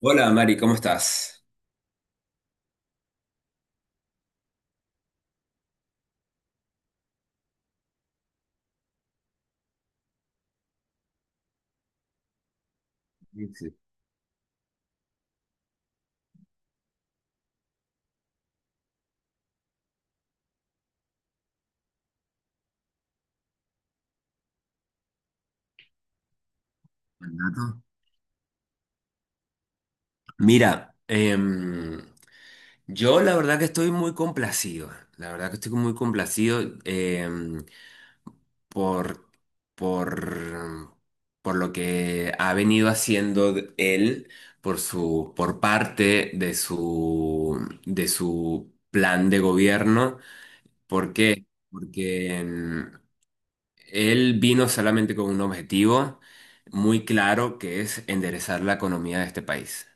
Hola Mari, ¿cómo estás? Buen dato. Mira, yo la verdad que estoy muy complacido, la verdad que estoy muy complacido por, por, por lo que ha venido haciendo él por parte de su plan de gobierno. ¿Por qué? Porque él vino solamente con un objetivo muy claro que es enderezar la economía de este país.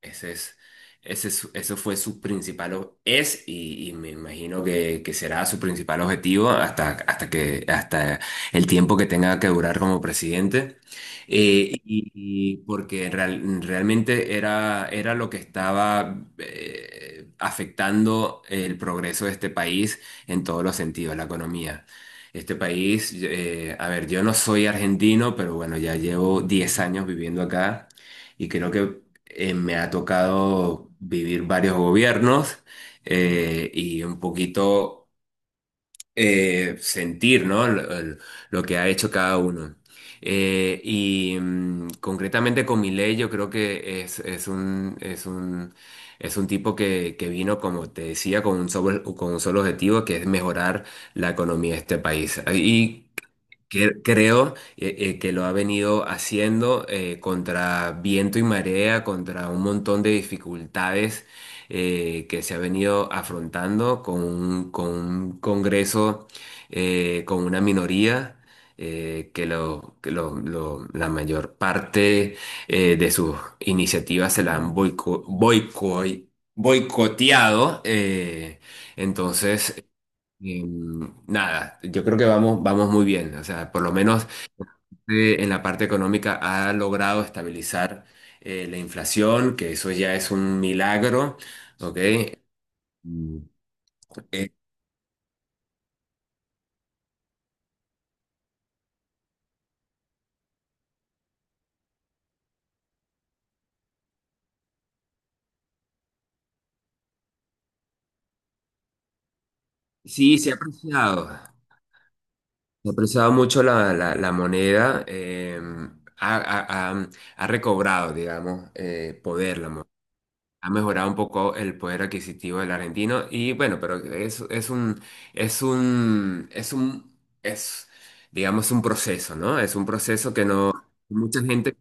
Ese es, Eso fue su principal, o- es y me imagino que será su principal objetivo hasta el tiempo que tenga que durar como presidente. Y porque realmente era lo que estaba afectando el progreso de este país en todos los sentidos, la economía. Este país, a ver, yo no soy argentino, pero bueno, ya llevo 10 años viviendo acá. Y creo que me ha tocado vivir varios gobiernos y un poquito sentir, ¿no? Lo que ha hecho cada uno. Concretamente con Milei yo creo que es un tipo que vino, como te decía, con un solo objetivo, que es mejorar la economía de este país. Creo que lo ha venido haciendo contra viento y marea, contra un montón de dificultades que se ha venido afrontando con un Congreso, con una minoría. La mayor parte de sus iniciativas se la han boicoteado. Entonces, eh, nada, yo creo que vamos muy bien. O sea, por lo menos en la parte económica ha logrado estabilizar la inflación, que eso ya es un milagro, ¿ok? Mm, eh, sí, se ha apreciado. Se ha apreciado mucho la moneda. Ha, ha- ha- Ha recobrado, digamos, poder la moneda. Ha mejorado un poco el poder adquisitivo del argentino y bueno, pero es un, es un, es, digamos, un proceso, ¿no? Es un proceso que no, mucha gente.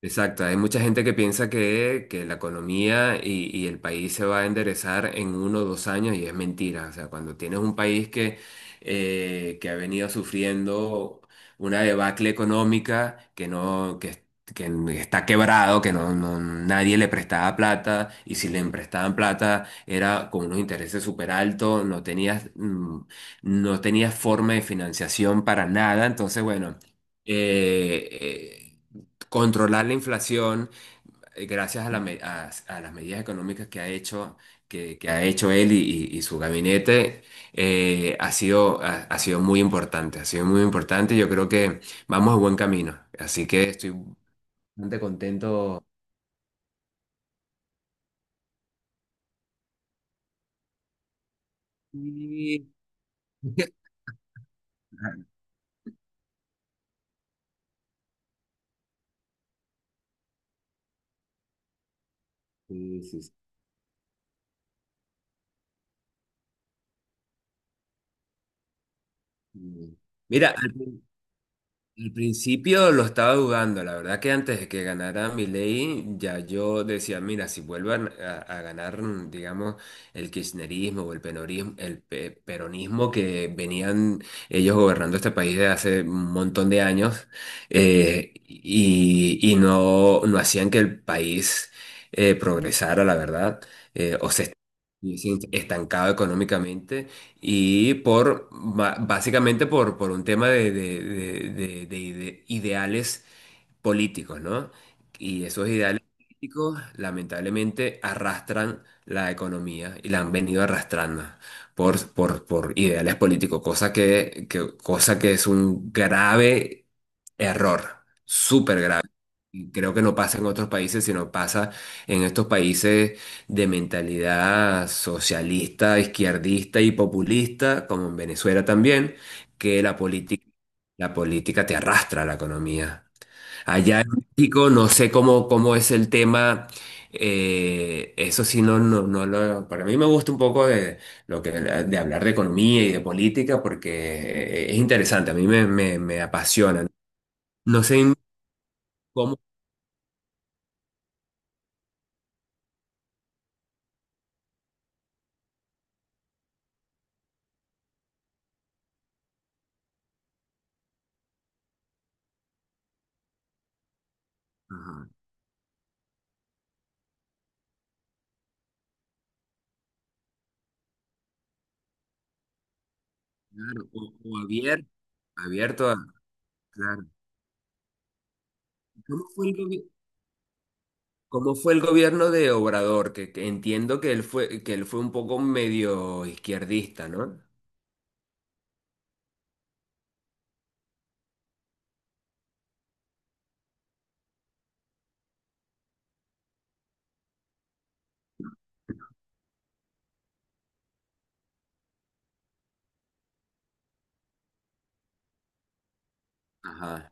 Exacto, hay mucha gente que piensa que la economía y el país se va a enderezar en 1 o 2 años y es mentira. O sea, cuando tienes un país que ha venido sufriendo una debacle económica, que no, que está quebrado, que no, nadie le prestaba plata, y si le prestaban plata era con unos intereses súper altos, no tenías forma de financiación para nada. Entonces, bueno. Eh, eh, Controlar la inflación gracias a, la me- a las medidas económicas que ha hecho, que ha hecho él y su gabinete, ha sido muy importante, ha sido muy importante. Yo creo que vamos a buen camino. Así que estoy bastante contento. Y- Sí, sí, sí. Mira, al principio lo estaba dudando, la verdad que antes de que ganara Milei, ya yo decía, mira, si vuelvan a ganar, digamos, el kirchnerismo o el penorismo, el pe- peronismo que venían ellos gobernando este país de hace un montón de años, y no hacían que el país progresara, la verdad, o se estuviese estancado económicamente y por básicamente por un tema ideales políticos, ¿no? Y esos ideales políticos lamentablemente arrastran la economía y la han venido arrastrando por ideales políticos, cosa que es un grave error, súper grave. Y creo que no pasa en otros países, sino pasa en estos países de mentalidad socialista, izquierdista y populista, como en Venezuela también, que la política te arrastra a la economía. Allá en México, no sé cómo es el tema. Eso sí, no, no, no lo. Para mí me gusta un poco de, lo que, de hablar de economía y de política porque es interesante, a mí me apasiona. No sé cómo. Ajá, claro, abierto a. Claro. ¿Cómo fue el, gobi- Cómo fue el gobierno de Obrador? Que entiendo que él fue un poco medio izquierdista, ¿no? Ajá.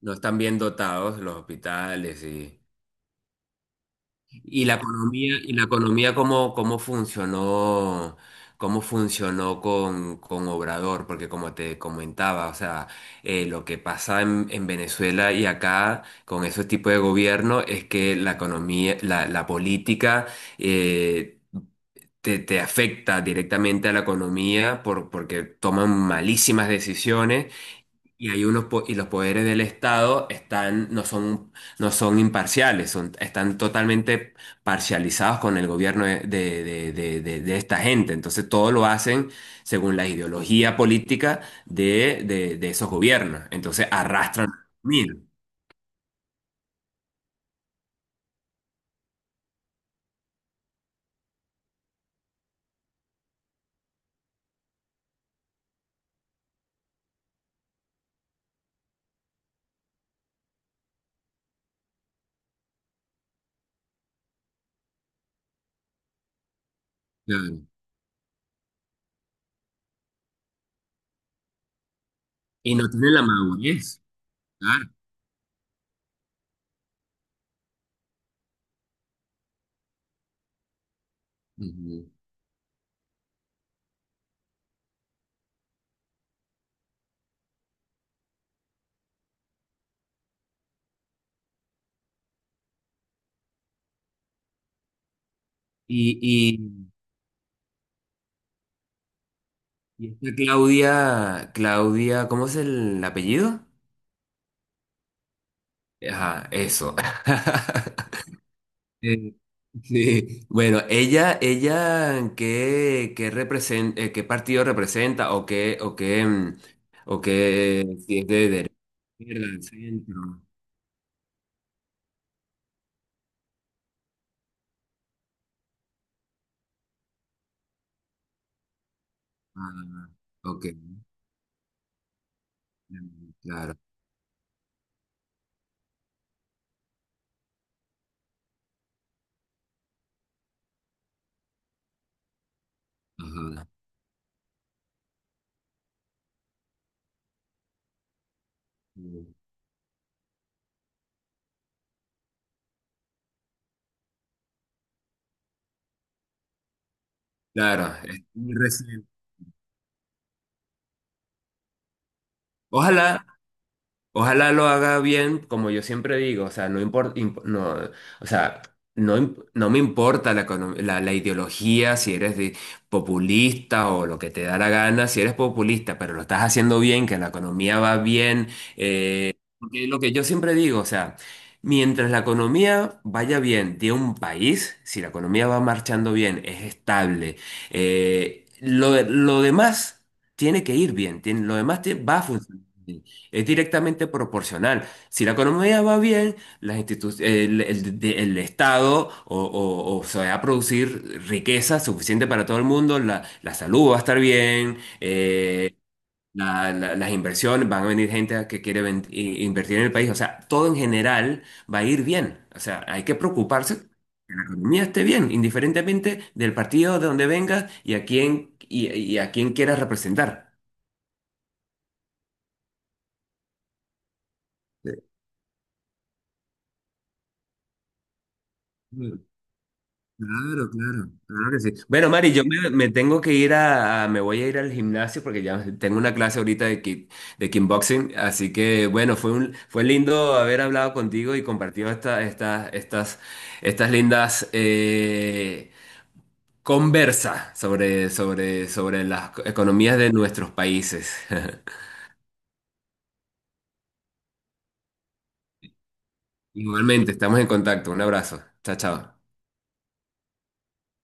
No están bien dotados los hospitales y. Y la economía, cómo funcionó con Obrador, porque como te comentaba, o sea, lo que pasa en Venezuela y acá con ese tipo de gobierno es que la política eh, te afecta directamente a la economía porque toman malísimas decisiones y hay unos po- y los poderes del Estado no son imparciales, están totalmente parcializados con el gobierno de esta gente. Entonces todo lo hacen según la ideología política de esos gobiernos. Entonces arrastran. Mira, claro. Y no tienen la madurez. Claro. Ujú. Y, y, y esta Claudia, ¿cómo es el apellido? Ajá, eso. Eh, sí. Bueno, ella, qué partido representa o qué, mm, o qué, si es de derecha, izquierda, del centro? Ah, ok, claro, ajá. Claro, es muy reciente. Ojalá. Ojalá lo haga bien, como yo siempre digo, o sea, no importa, no, o sea, no, no me importa la ideología, si eres de populista o lo que te da la gana, si eres populista, pero lo estás haciendo bien, que la economía va bien, porque lo que yo siempre digo, o sea, mientras la economía vaya bien de un país, si la economía va marchando bien, es estable, lo demás tiene que ir bien, lo demás va a funcionar bien. Es directamente proporcional. Si la economía va bien, las institu- el- de- el Estado o se va a producir riqueza suficiente para todo el mundo, la salud va a estar bien, las inversiones, van a venir gente a que quiere invertir en el país, o sea, todo en general va a ir bien, o sea, hay que preocuparse que la economía esté bien, indiferentemente del partido de donde vengas y a quién, y a quién quieras representar. Sí. Claro, claro, claro que sí. Bueno, Mari, yo me tengo que ir me voy a ir al gimnasio porque ya tengo una clase ahorita de kickboxing, así que bueno, fue lindo haber hablado contigo y compartido estas lindas conversas sobre las economías de nuestros países. Igualmente, estamos en contacto. Un abrazo. Chao, chao.